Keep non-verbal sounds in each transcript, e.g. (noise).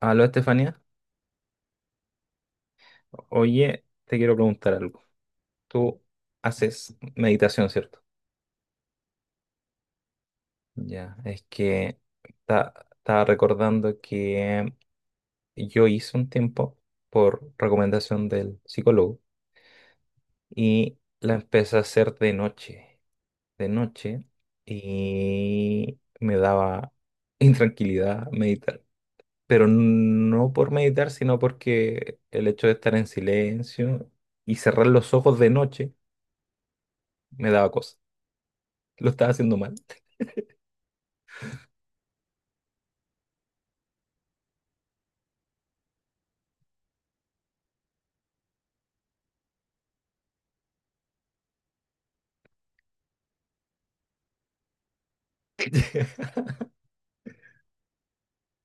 Aló, Estefanía. Oye, te quiero preguntar algo. Tú haces meditación, ¿cierto? Ya, es que estaba recordando que yo hice un tiempo por recomendación del psicólogo y la empecé a hacer de noche, y me daba (laughs) intranquilidad meditar. Pero no por meditar, sino porque el hecho de estar en silencio y cerrar los ojos de noche me daba cosas. Lo estaba haciendo mal. (laughs)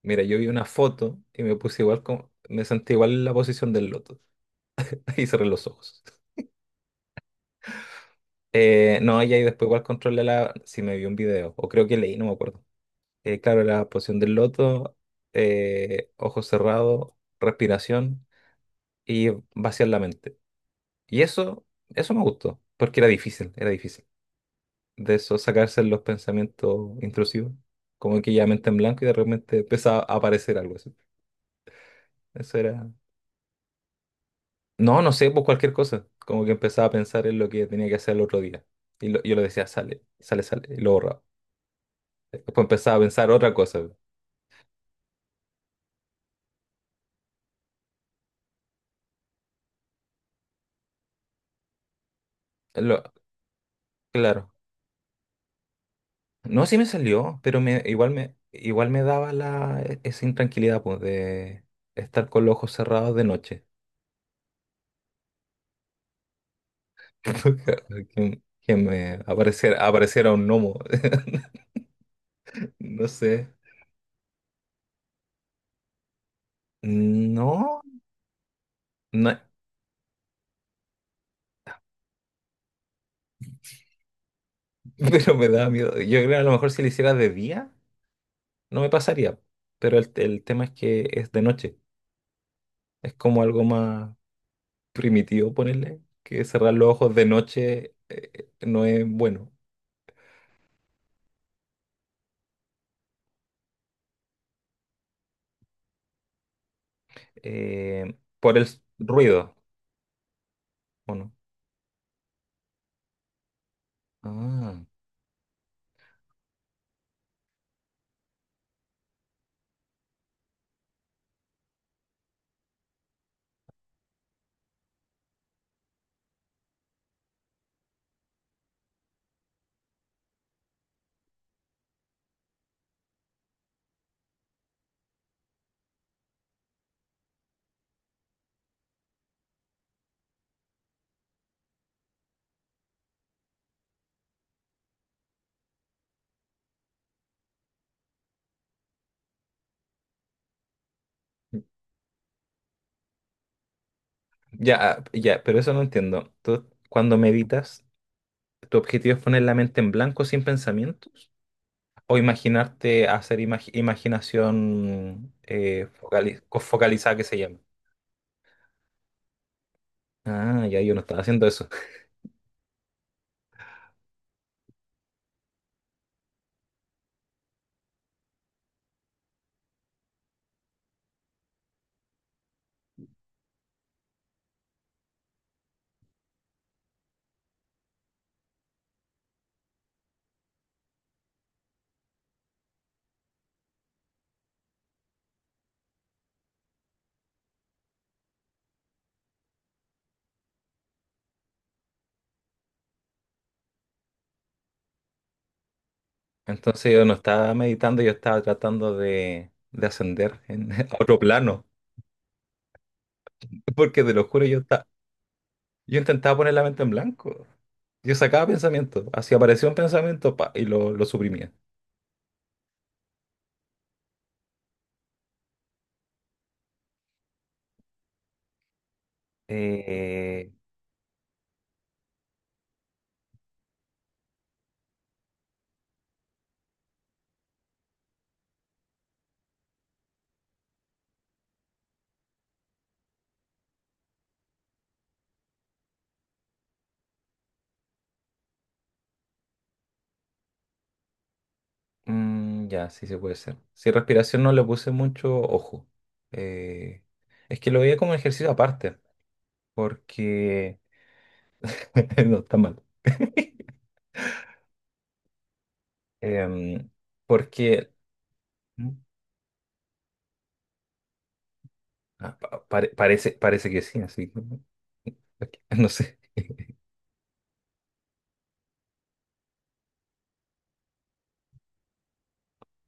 Mira, yo vi una foto y me puse igual como, me sentí igual en la posición del loto (laughs) y cerré los ojos. No, y ahí después igual controlé la, si me vi un video, o creo que leí, no me acuerdo. Claro, la posición del loto, ojos cerrados, respiración y vaciar la mente. Y eso me gustó, porque era difícil, era difícil. De eso sacarse los pensamientos intrusivos, como que ya mente en blanco y de repente empezaba a aparecer algo así. Eso era. No, no sé, pues cualquier cosa. Como que empezaba a pensar en lo que tenía que hacer el otro día. Y yo lo decía, sale, sale, sale. Y lo borraba. Después empezaba a pensar otra cosa. Lo- claro. No, sí me salió, pero igual igual me daba la, esa intranquilidad, pues, de estar con los ojos cerrados de noche. (laughs) Que me apareciera, apareciera un gnomo. (laughs) No sé. No, no, (laughs) pero me daba miedo. Yo creo que a lo mejor si lo hiciera de día no me pasaría. Pero el tema es que es de noche. Es como algo más primitivo ponerle, que cerrar los ojos de noche no es bueno. Por el ruido, ¿o no? Ah, ya, ah, ya, pero eso no entiendo. Tú, cuando meditas, ¿tu objetivo es poner la mente en blanco sin pensamientos? ¿O imaginarte hacer imaginación focalizada que se llama? Ah, ya yo no estaba haciendo eso. Entonces yo no estaba meditando, yo estaba tratando de ascender en, (laughs) a otro plano. Porque te lo juro, yo. Yo intentaba poner la mente en blanco. Yo sacaba pensamiento, así aparecía un pensamiento pa, y lo suprimía. Eh, ya, sí, se puede ser. Si respiración no le puse mucho ojo. Eh, es que lo veía como ejercicio aparte, porque... (laughs) no, está mal. (laughs) Em, porque... mm, Ah, parece, parece que sí, así que (laughs) no sé.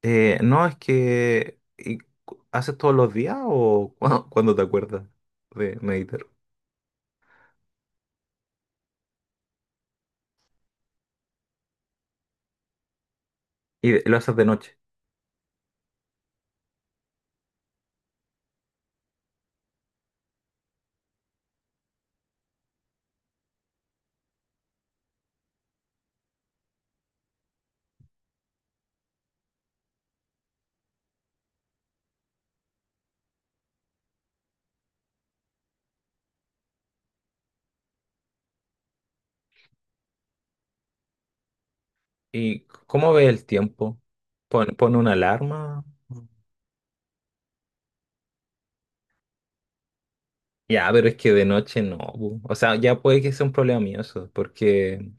No, es que ¿y ¿haces todos los días o (laughs) cuando, cuando te acuerdas de meditar? Y lo haces de noche. ¿Y cómo ve el tiempo? ¿Pone, pone una alarma? Ya, pero es que de noche no. Bu. O sea, ya puede que sea un problema mío eso, porque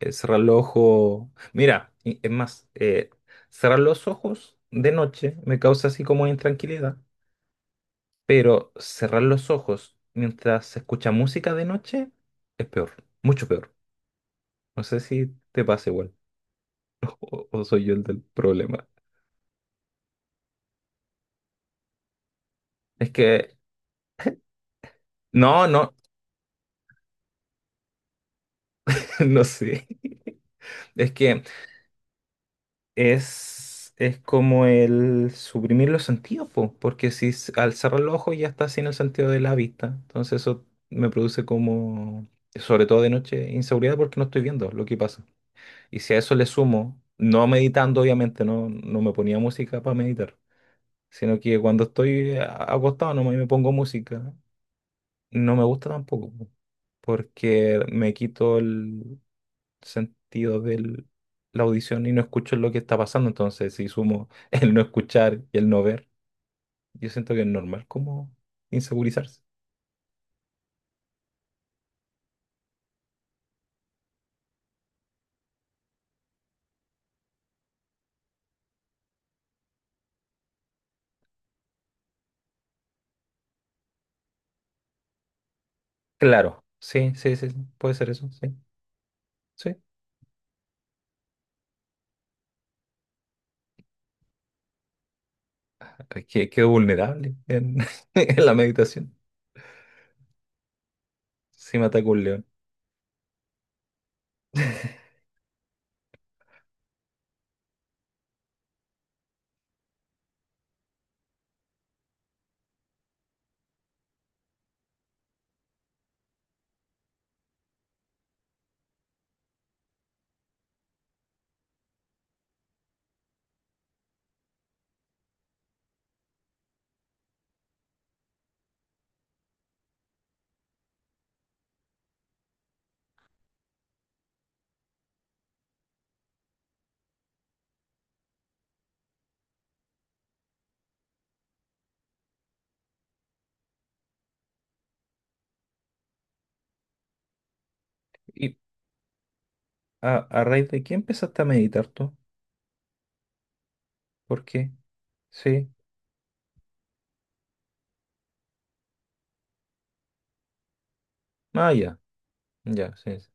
cerrar los ojos. Mira, es más, cerrar los ojos de noche me causa así como intranquilidad. Pero cerrar los ojos mientras se escucha música de noche es peor, mucho peor. No sé si te pasa igual (laughs) o soy yo el del problema. Es que, no, no, (laughs) no sé. Es que es como el suprimir los sentidos, po, porque si al cerrar los ojos ya está sin el sentido de la vista. Entonces eso me produce como, sobre todo de noche, inseguridad porque no estoy viendo lo que pasa. Y si a eso le sumo, no meditando obviamente, no, no me ponía música para meditar, sino que cuando estoy acostado no me pongo música, no me gusta tampoco, po, porque me quito el sentido de la audición y no escucho lo que está pasando, entonces si sumo (laughs) el no escuchar y el no ver, yo siento que es normal como insegurizarse. Claro, sí, sí, sí, sí, puede ser eso, sí, sí. Es que quedo vulnerable en, (laughs) en la meditación, si me ataca un león. A raíz de qué empezaste a meditar tú? ¿Por qué? Sí. Ah, ya, ya, sí. Sí.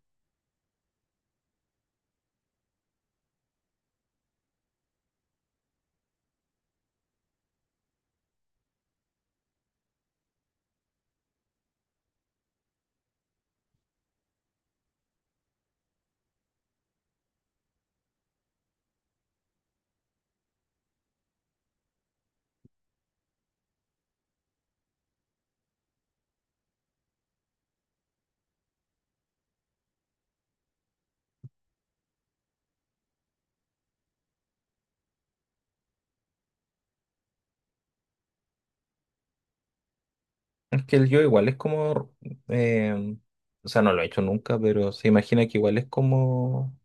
Es que el yo igual es como, eh, o sea, no lo he hecho nunca, pero se imagina que igual es como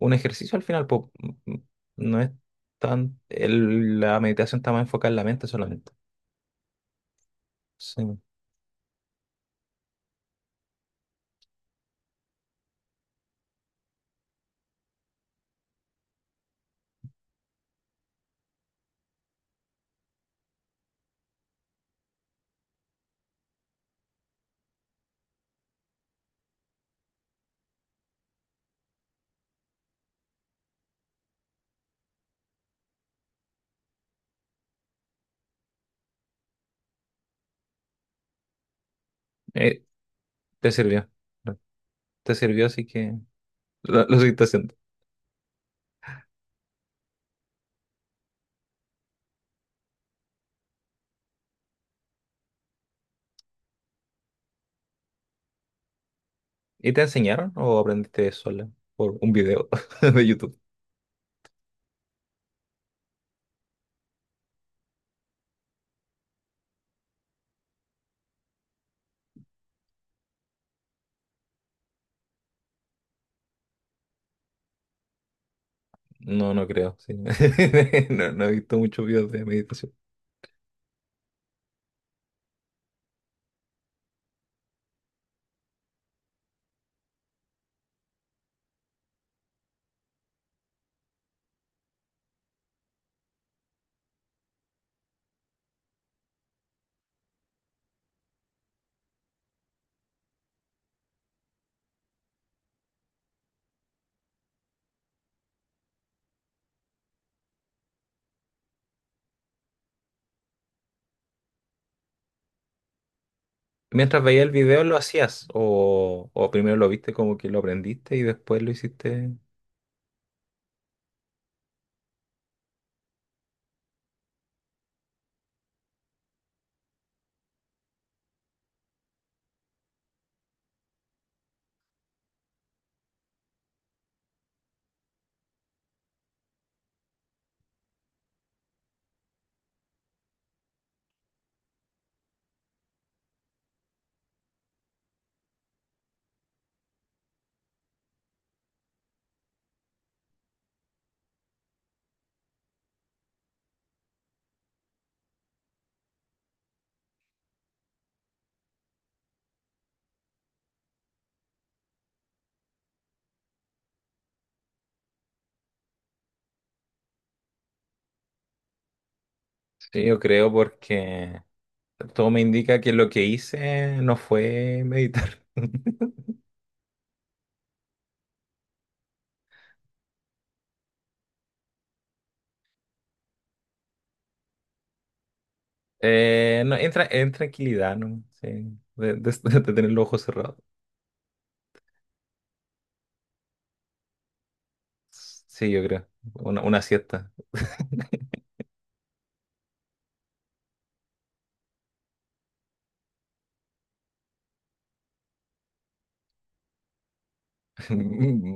un ejercicio al final, po. Mm, no es tan, la meditación está más enfocada en la mente solamente. Sí. Eh, te sirvió, eh, te sirvió, así que lo seguiste haciendo. ¿Y te enseñaron o aprendiste sola por un video (laughs) de YouTube? No, no creo, sí. (laughs) No, no he visto muchos videos de meditación. Mientras veía el video, ¿lo hacías? O primero lo viste como que lo aprendiste y después lo hiciste? Sí, yo creo porque todo me indica que lo que hice no fue meditar. (laughs) No, entra en tranquilidad, ¿no? Sí, (laughs) de tener los ojos cerrados. Sí, yo creo. Una siesta. (laughs)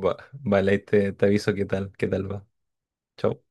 Vale, ahí te aviso qué tal va. Chao.